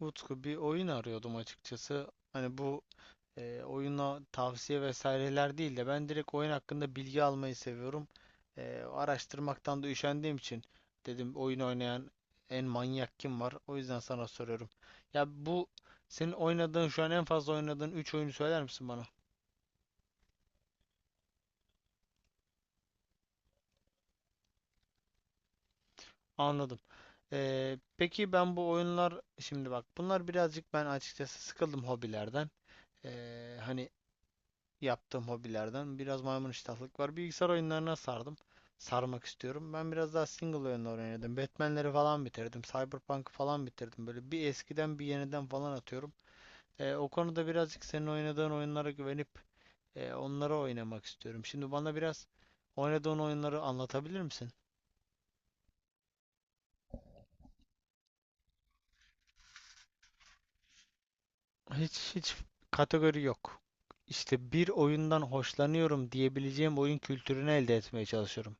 Utku bir oyun arıyordum açıkçası. Hani bu oyuna tavsiye vesaireler değil de ben direkt oyun hakkında bilgi almayı seviyorum. Araştırmaktan da üşendiğim için dedim oyun oynayan en manyak kim var? O yüzden sana soruyorum. Ya bu senin oynadığın şu an en fazla oynadığın 3 oyunu söyler misin bana? Anladım. Peki ben bu oyunlar şimdi bak bunlar birazcık ben açıkçası sıkıldım hobilerden. Hani yaptığım hobilerden biraz maymun iştahlık var. Bilgisayar oyunlarına sardım. Sarmak istiyorum. Ben biraz daha single oyunlar oynadım. Batman'leri falan bitirdim. Cyberpunk'ı falan bitirdim. Böyle bir eskiden bir yeniden falan atıyorum. O konuda birazcık senin oynadığın oyunlara güvenip onları oynamak istiyorum. Şimdi bana biraz oynadığın oyunları anlatabilir misin? Hiç hiç kategori yok. İşte bir oyundan hoşlanıyorum diyebileceğim oyun kültürünü elde etmeye çalışıyorum.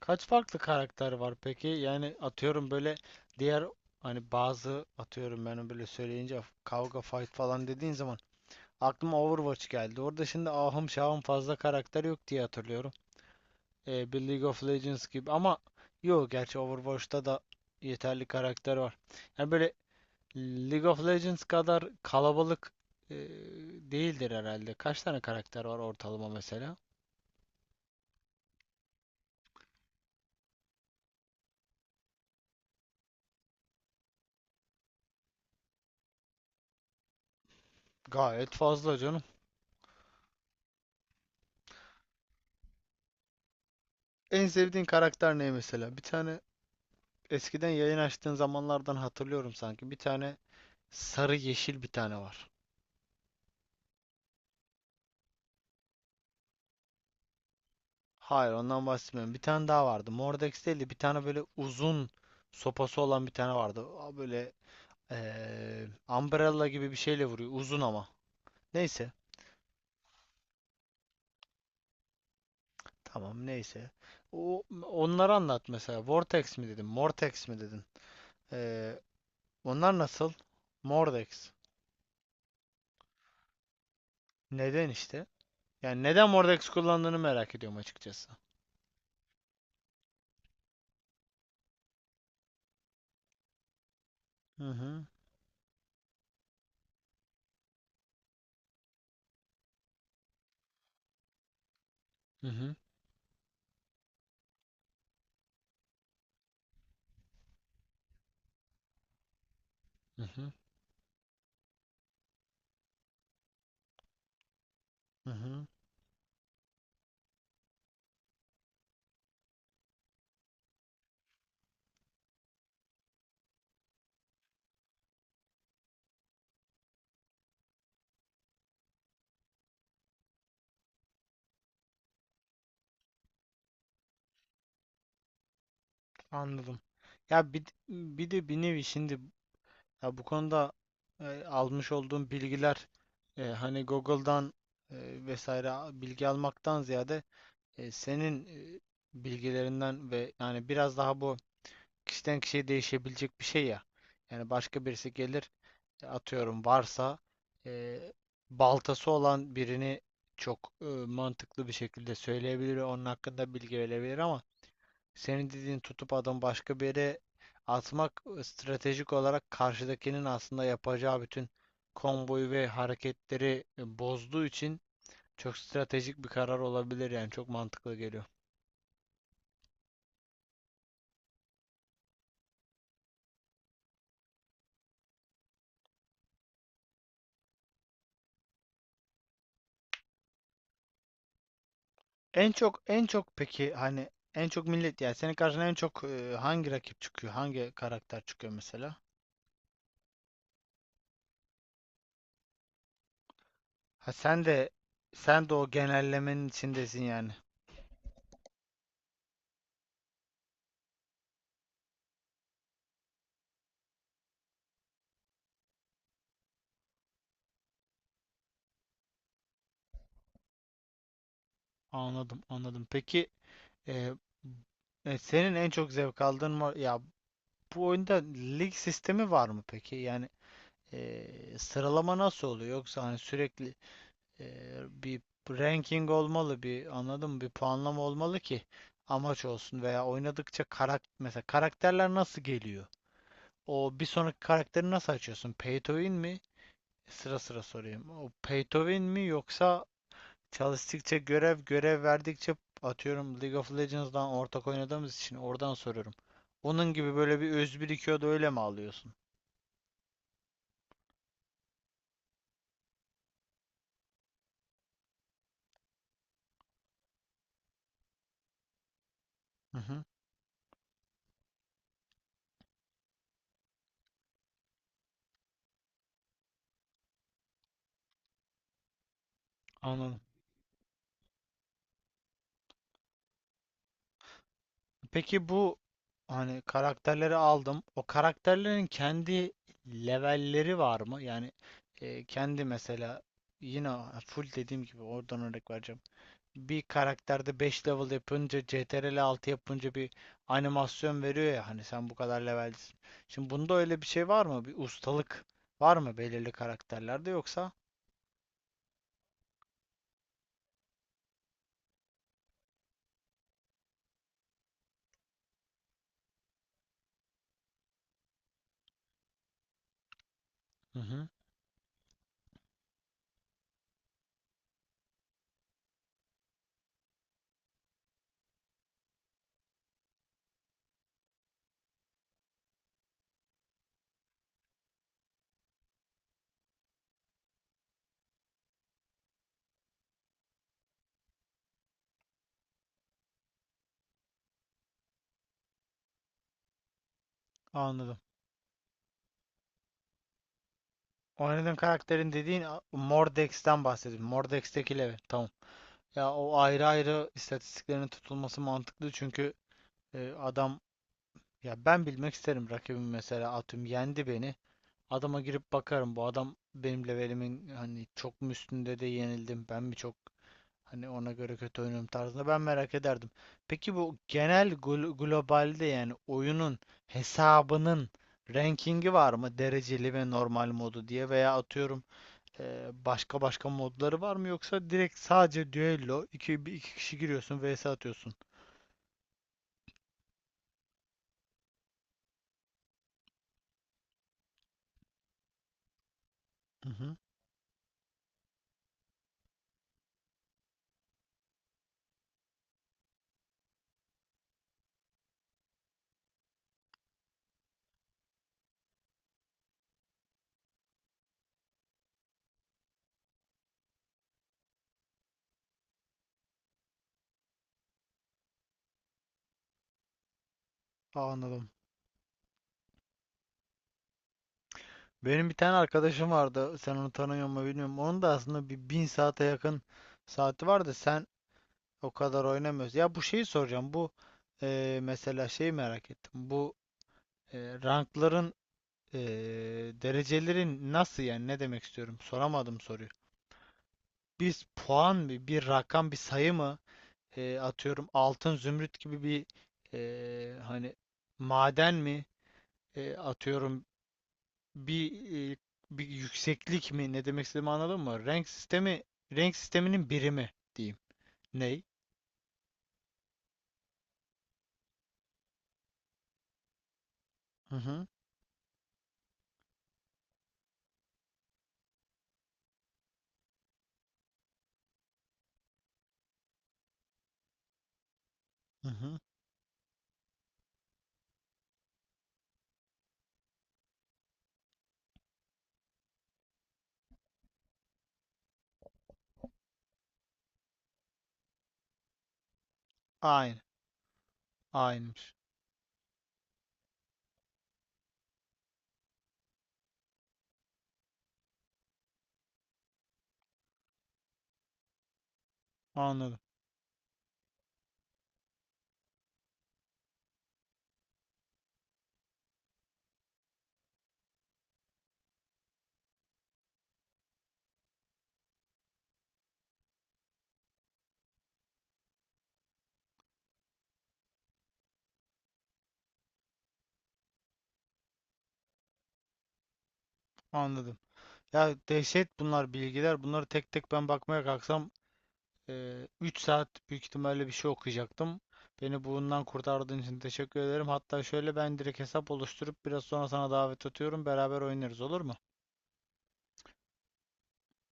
Kaç farklı karakter var peki? Yani atıyorum böyle diğer hani bazı atıyorum ben böyle söyleyince kavga fight falan dediğin zaman aklıma Overwatch geldi. Orada şimdi ahım şahım fazla karakter yok diye hatırlıyorum. Bir League of Legends gibi ama yok gerçi Overwatch'ta da yeterli karakter var. Yani böyle League of Legends kadar kalabalık e, değildir herhalde. Kaç tane karakter var ortalama mesela? Gayet fazla canım. En sevdiğin karakter ne mesela? Bir tane eskiden yayın açtığın zamanlardan hatırlıyorum sanki. Bir tane sarı yeşil bir tane var. Hayır ondan bahsetmiyorum. Bir tane daha vardı. Mordex değildi. Bir tane böyle uzun sopası olan bir tane vardı. Aa, böyle umbrella gibi bir şeyle vuruyor. Uzun ama. Neyse. Tamam neyse. Onları anlat mesela. Vortex mi dedin? Mortex mi dedin? Eee, Onlar nasıl? Mordex. Neden işte? Yani neden Mordex kullandığını merak ediyorum açıkçası. Hı hı. Hı hı. Hı hı. Hı hı. Anladım. Ya bir de bir nevi şimdi ya bu konuda almış olduğum bilgiler hani Google'dan vesaire bilgi almaktan ziyade senin e, bilgilerinden ve yani biraz daha bu kişiden kişiye değişebilecek bir şey ya. Yani başka birisi gelir atıyorum varsa e, baltası olan birini çok mantıklı bir şekilde söyleyebilir, onun hakkında bilgi verebilir ama senin dediğin tutup adam başka bir yere atmak stratejik olarak karşıdakinin aslında yapacağı bütün komboyu ve hareketleri bozduğu için çok stratejik bir karar olabilir yani çok mantıklı geliyor. En çok en çok peki hani en çok millet yani senin karşına en çok hangi rakip çıkıyor? Hangi karakter çıkıyor mesela? Ha sen de o genellemenin içindesin yani. Anladım, anladım. Peki e, senin en çok zevk aldığın var ya. Bu oyunda lig sistemi var mı peki? Yani sıralama nasıl oluyor? Yoksa hani sürekli e, bir ranking olmalı, bir anladın mı? Bir puanlama olmalı ki amaç olsun veya oynadıkça mesela karakterler nasıl geliyor? O bir sonraki karakteri nasıl açıyorsun? Pay to win mi? Sıra sıra sorayım. O pay to win mi yoksa çalıştıkça görev görev verdikçe atıyorum League of Legends'dan ortak oynadığımız için oradan soruyorum. Onun gibi böyle bir öz birikiyor da öyle mi alıyorsun? Hı hı, anladım. Peki bu hani karakterleri aldım. O karakterlerin kendi levelleri var mı? Yani kendi mesela yine full dediğim gibi oradan örnek vereceğim. Bir karakterde 5 level yapınca Ctrl+6 yapınca bir animasyon veriyor ya hani sen bu kadar levelsin. Şimdi bunda öyle bir şey var mı? Bir ustalık var mı belirli karakterlerde yoksa? Hı hı, anladım. Oynadığın karakterin dediğin Mordex'ten bahsediyorum. Mordex'teki level. Tamam. Ya o ayrı ayrı istatistiklerin tutulması mantıklı çünkü adam ya ben bilmek isterim rakibim mesela atıyorum yendi beni. Adama girip bakarım bu adam benim levelimin hani çok mu üstünde de yenildim ben mi çok hani ona göre kötü oynuyorum tarzında ben merak ederdim. Peki bu genel globalde yani oyunun hesabının rankingi var mı dereceli ve normal modu diye veya atıyorum başka başka modları var mı yoksa direkt sadece düello iki, iki kişi giriyorsun vs atıyorsun. Hı hı. Aa, anladım. Benim bir tane arkadaşım vardı. Sen onu tanıyor mu bilmiyorum. Onun da aslında bir 1.000 saate yakın saati var da sen o kadar oynamıyorsun. Ya bu şeyi soracağım. Bu mesela şeyi merak ettim. Bu e, rankların e, derecelerin nasıl yani ne demek istiyorum? Soramadım soruyu. Biz puan mı, bir rakam, bir sayı mı? Atıyorum altın zümrüt gibi bir hani maden mi? Atıyorum bir e, bir yükseklik mi ne demek istediğimi anladın mı? Renk sistemi renk sisteminin birimi diyeyim. Ney? Hı hı. Hı hı. Aynı. Aynıymış. Anladım. Anladım. Ya dehşet bunlar bilgiler. Bunları tek tek ben bakmaya kalksam 3 saat büyük ihtimalle bir şey okuyacaktım. Beni bundan kurtardığın için teşekkür ederim. Hatta şöyle ben direkt hesap oluşturup biraz sonra sana davet atıyorum. Beraber oynarız olur mu?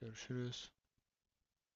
Görüşürüz.